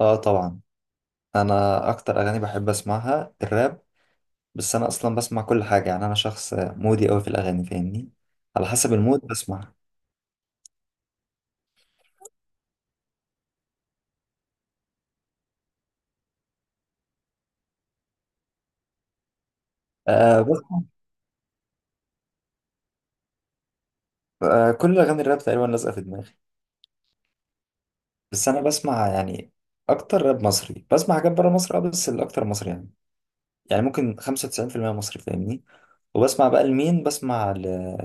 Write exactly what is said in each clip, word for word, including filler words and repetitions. اه طبعا. انا اكتر اغاني بحب اسمعها الراب. بس انا اصلا بسمع كل حاجه، يعني انا شخص مودي قوي في الاغاني، فاهمني؟ على حسب المود بسمع. آه بسمع. آه كل اغاني الراب تقريبا لازقه في دماغي. بس انا بسمع، يعني اكتر راب مصري بسمع، حاجات بره مصر اه بس الاكتر مصري، يعني يعني ممكن خمسة وتسعين في المية مصري، فاهمني؟ وبسمع بقى لمين؟ بسمع ل...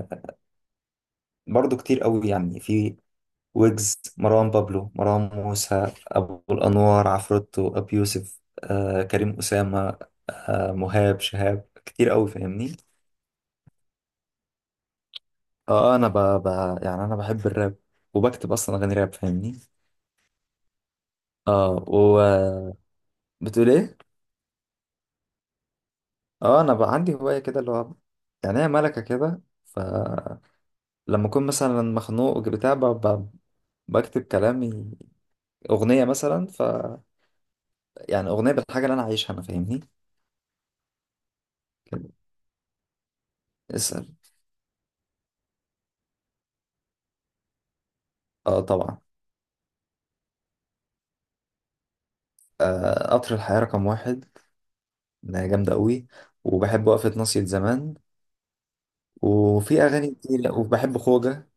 برضه كتير قوي، يعني في ويجز، مروان بابلو، مروان موسى، أبو الأنوار، عفروتو، أبي يوسف، آه كريم أسامة، آه مهاب شهاب، كتير أوي فاهمني. اه أنا ب... ب... يعني أنا بحب الراب، وبكتب أصلا أغاني راب فاهمني. اه وبتقول إيه؟ اه أنا بقى عندي هواية كده اللي هو، يعني هي ملكة كده. فلما أكون مثلا مخنوق بتاع ب... ب... بكتب كلامي أغنية، مثلا ف يعني أغنية بالحاجة اللي أنا عايشها أنا، فاهمني؟ اسأل. اه طبعا. آه، قطر الحياة رقم واحد. إنها جامدة قوي. وبحب وقفة ناصية زمان، وفي أغاني كتير، وبحب خوجة.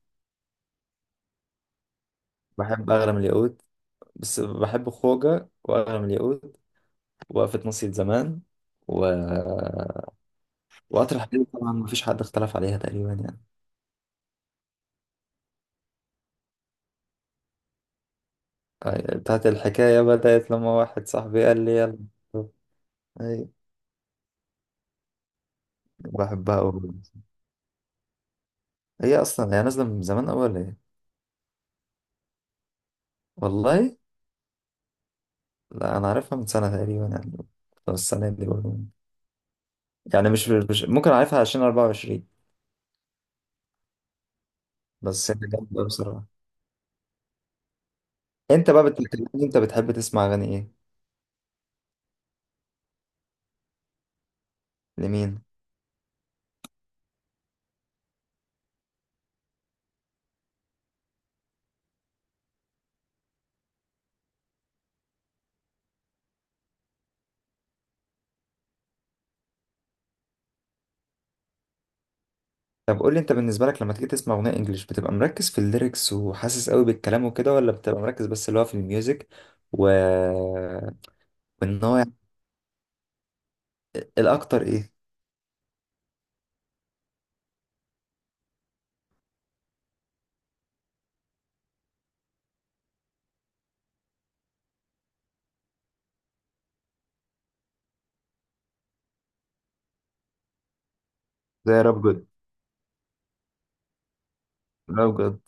بحب أغلى من الياقوت. بس بحب خوجة، وأغلى من الياقوت، وقفة ناصية زمان، و... وقطر الحياة طبعا مفيش حد اختلف عليها تقريبا يعني. آه، بتاعت الحكاية بدأت لما واحد صاحبي قال لي يلا. أي بحبها أوي. هي أصلا هي نازلة من زمان أوي ولا إيه؟ والله؟ لا أنا عارفها من سنة تقريبا يعني، أو السنة دي برضه، يعني مش مش ممكن اعرفها عشان أربعة وعشرين. بس هي جامدة بصراحة. انت بقى بتتكلمني، انت بتحب تسمع اغاني ايه؟ لمين؟ طب قول لي انت بالنسبة لك لما تيجي تسمع اغنية انجليش، بتبقى مركز في الليركس وحاسس قوي بالكلام وكده، ولا بتبقى مركز بس اللي هو في الميوزك؟ و وان هو يعني الاكتر ايه؟ زي راب جود. راب جود.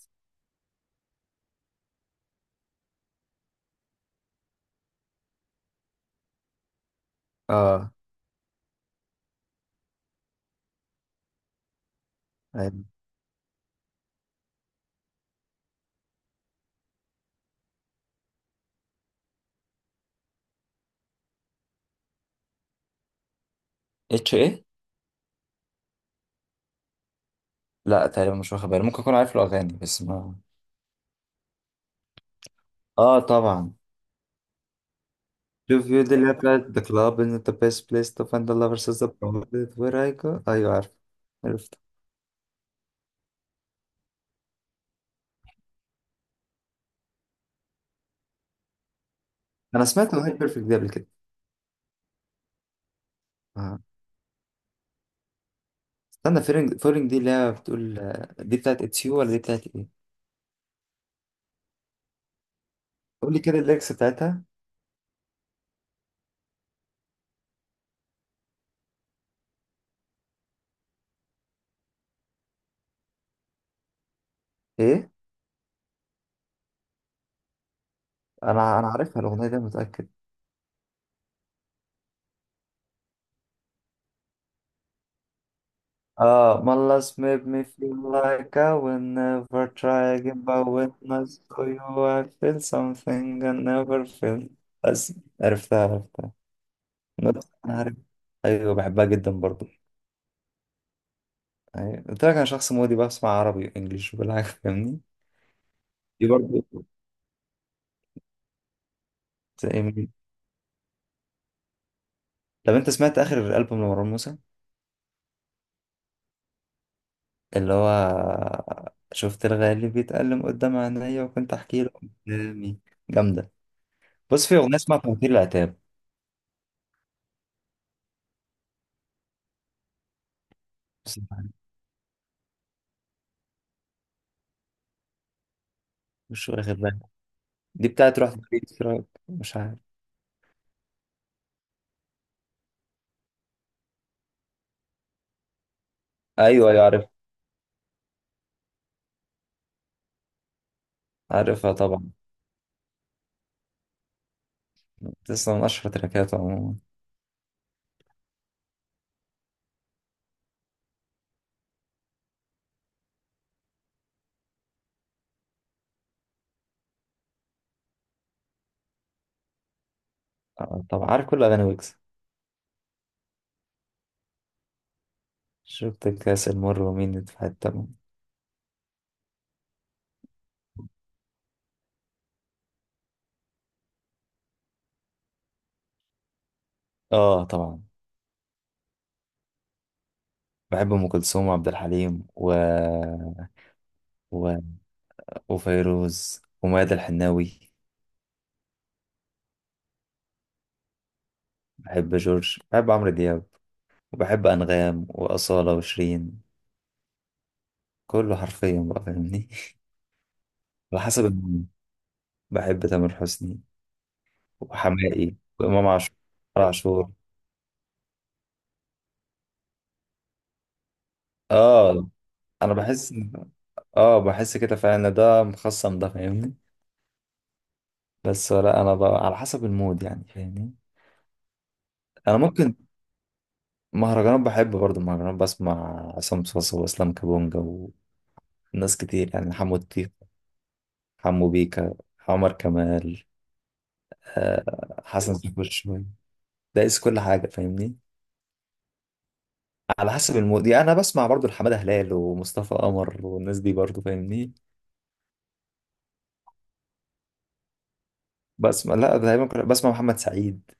اه اتش ايه. لا تقريبا مش واخد بالي، ممكن اكون عارف له اغاني بس ما. اه طبعا. شوف يو دي اللي هي بتاعت The Club is not the best place to find the lovers is the provided where I go. أيوة عارف. عرفت. أنا سمعت أغنية بيرفكت دي قبل كده. آه. استنى، فيرنج فيرنج دي اللي هي بتقول آه، دي بتاعت It's You ولا دي بتاعت إيه؟ قول لي كده الليكس بتاعتها إيه؟ أنا أنا عارفها الأغنية دي، متأكد. آه My last made me feel like I will never try again but when I saw you I feel something I never felt. بس عرفتها عرفتها. أنا عارف. أيوة بحبها جدا برضه. أيوة. قلت لك انا شخص مودي، بسمع عربي وانجليش وكل حاجه فاهمني. دي برضه. زي مين؟ طب انت سمعت اخر البوم لمروان موسى اللي هو شفت الغالي بيتألم قدام عينيا وكنت احكي له قدامي؟ جامده. بص في اغنيه اسمها فواتير العتاب. بس مش واخد بالي، دي بتاعت روح تبيت في رأيك. مش عارف. ايوه ايوه عارف. عارفها طبعا. لسه من اشهر تراكاته عموما. آه، طبعا عارف كل اغاني ويجز. شفت الكاس المر ومين في حته. اه طبعا. بحب ام كلثوم وعبد الحليم و... و... وفيروز وميادة الحناوي. بحب جورج، بحب عمرو دياب، وبحب انغام واصاله وشيرين. كله حرفيا بقى فاهمني على حسب المود. بحب تامر حسني وحماقي وامام عاشور عاشور. اه انا بحس إن- اه بحس كده فعلا ان ده مخصم ده فاهمني. بس لا انا بقى على حسب المود يعني فاهمني. انا ممكن مهرجانات، بحب برضو مهرجانات، بسمع عصام صاصا واسلام كابونجا، ناس كتير يعني حمو الطيخ، حمو بيكا، عمر كمال، آه، حسن شاكوش شوية. دايس كل حاجة فاهمني. على حسب المود يعني. أنا بسمع برضو لحمادة هلال ومصطفى قمر والناس دي برضو فاهمني. بسمع لا، دايما كنت بسمع محمد سعيد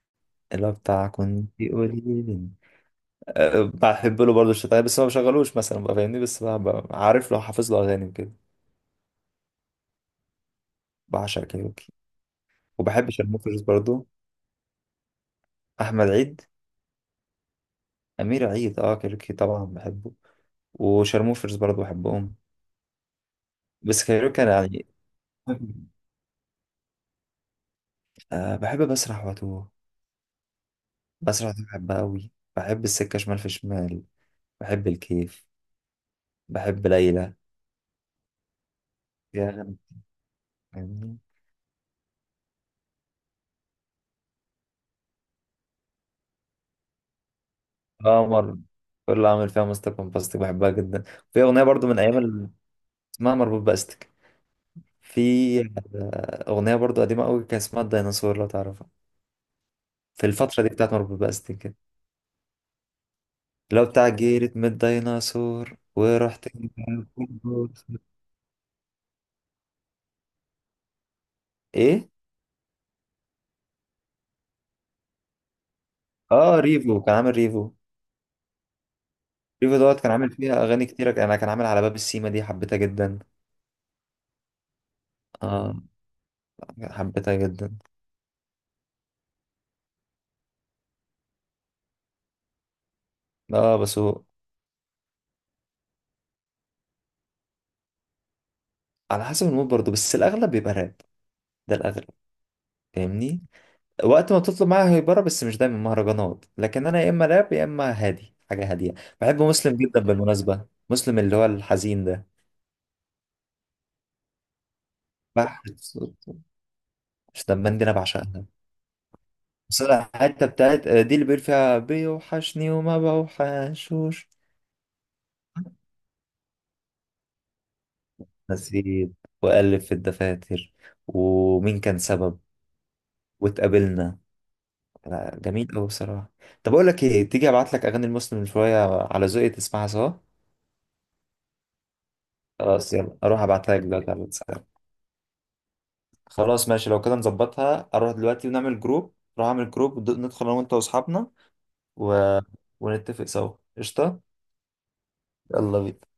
اللي هو بتاع كنت قليل. أه بحب له برضو الشتايم، بس ما بشغلوش مثلا بقى فاهمني، بس بقى بقى عارف لو حافظ له أغاني وكده. بعشق كايروكي وبحب شرموفرز برضو. أحمد عيد. أمير عيد. أه كايروكي طبعا بحبه، وشرموفرز برضو بحبهم. بس كايروكا أنا يعني. أه بحب بسرح واتوه. بسرح واتوه بحبها أوي. بحب السكة شمال في شمال، بحب الكيف، بحب ليلى، يا غني. فاهمني؟ قمر. كل اللي عامل فيها مستك ومبستك، بحبها جدا. في أغنية برضو من أيام ال- اسمها مربوط بأستك. في أغنية برضو قديمة أوي كان اسمها الديناصور لو تعرفها. في الفترة دي بتاعت مربوط بأستك كده. لو بتاع جيرت من الديناصور ورحت. إيه؟ اه ريفو كان عامل ريفو ريفو دوت، كان عامل فيها اغاني كتيره انا، كان عامل على باب السيما دي حبيتها جدا. اه حبيتها جدا. اه بس هو على حسب المود برضه، بس الاغلب بيبقى راب. ده الاغلب. فاهمني. وقت ما تطلب معايا هيبره، بس مش دايما مهرجانات، لكن انا يا اما راب يا اما هادي، حاجه هاديه. بحب مسلم جدا بالمناسبه، مسلم اللي هو الحزين ده. بحر صوته. مش دمان دي انا بعشقها. بس أنا الحته بتاعت آه، دي اللي بيقول فيها بيوحشني وما بوحشوش. نسيب، وألف في الدفاتر، ومين كان سبب، واتقابلنا. لا جميل أوي بصراحة. طب أقول لك إيه، تيجي أبعت لك أغاني المسلم شوية على ذوقي تسمعها سوا. خلاص، يلا أروح أبعتها لك دلوقتي على الواتساب. خلاص ماشي، لو كده نظبطها، أروح دلوقتي ونعمل جروب، أروح أعمل جروب، ندخل أنا وأنت وأصحابنا و... ونتفق سوا، قشطة. يلا بينا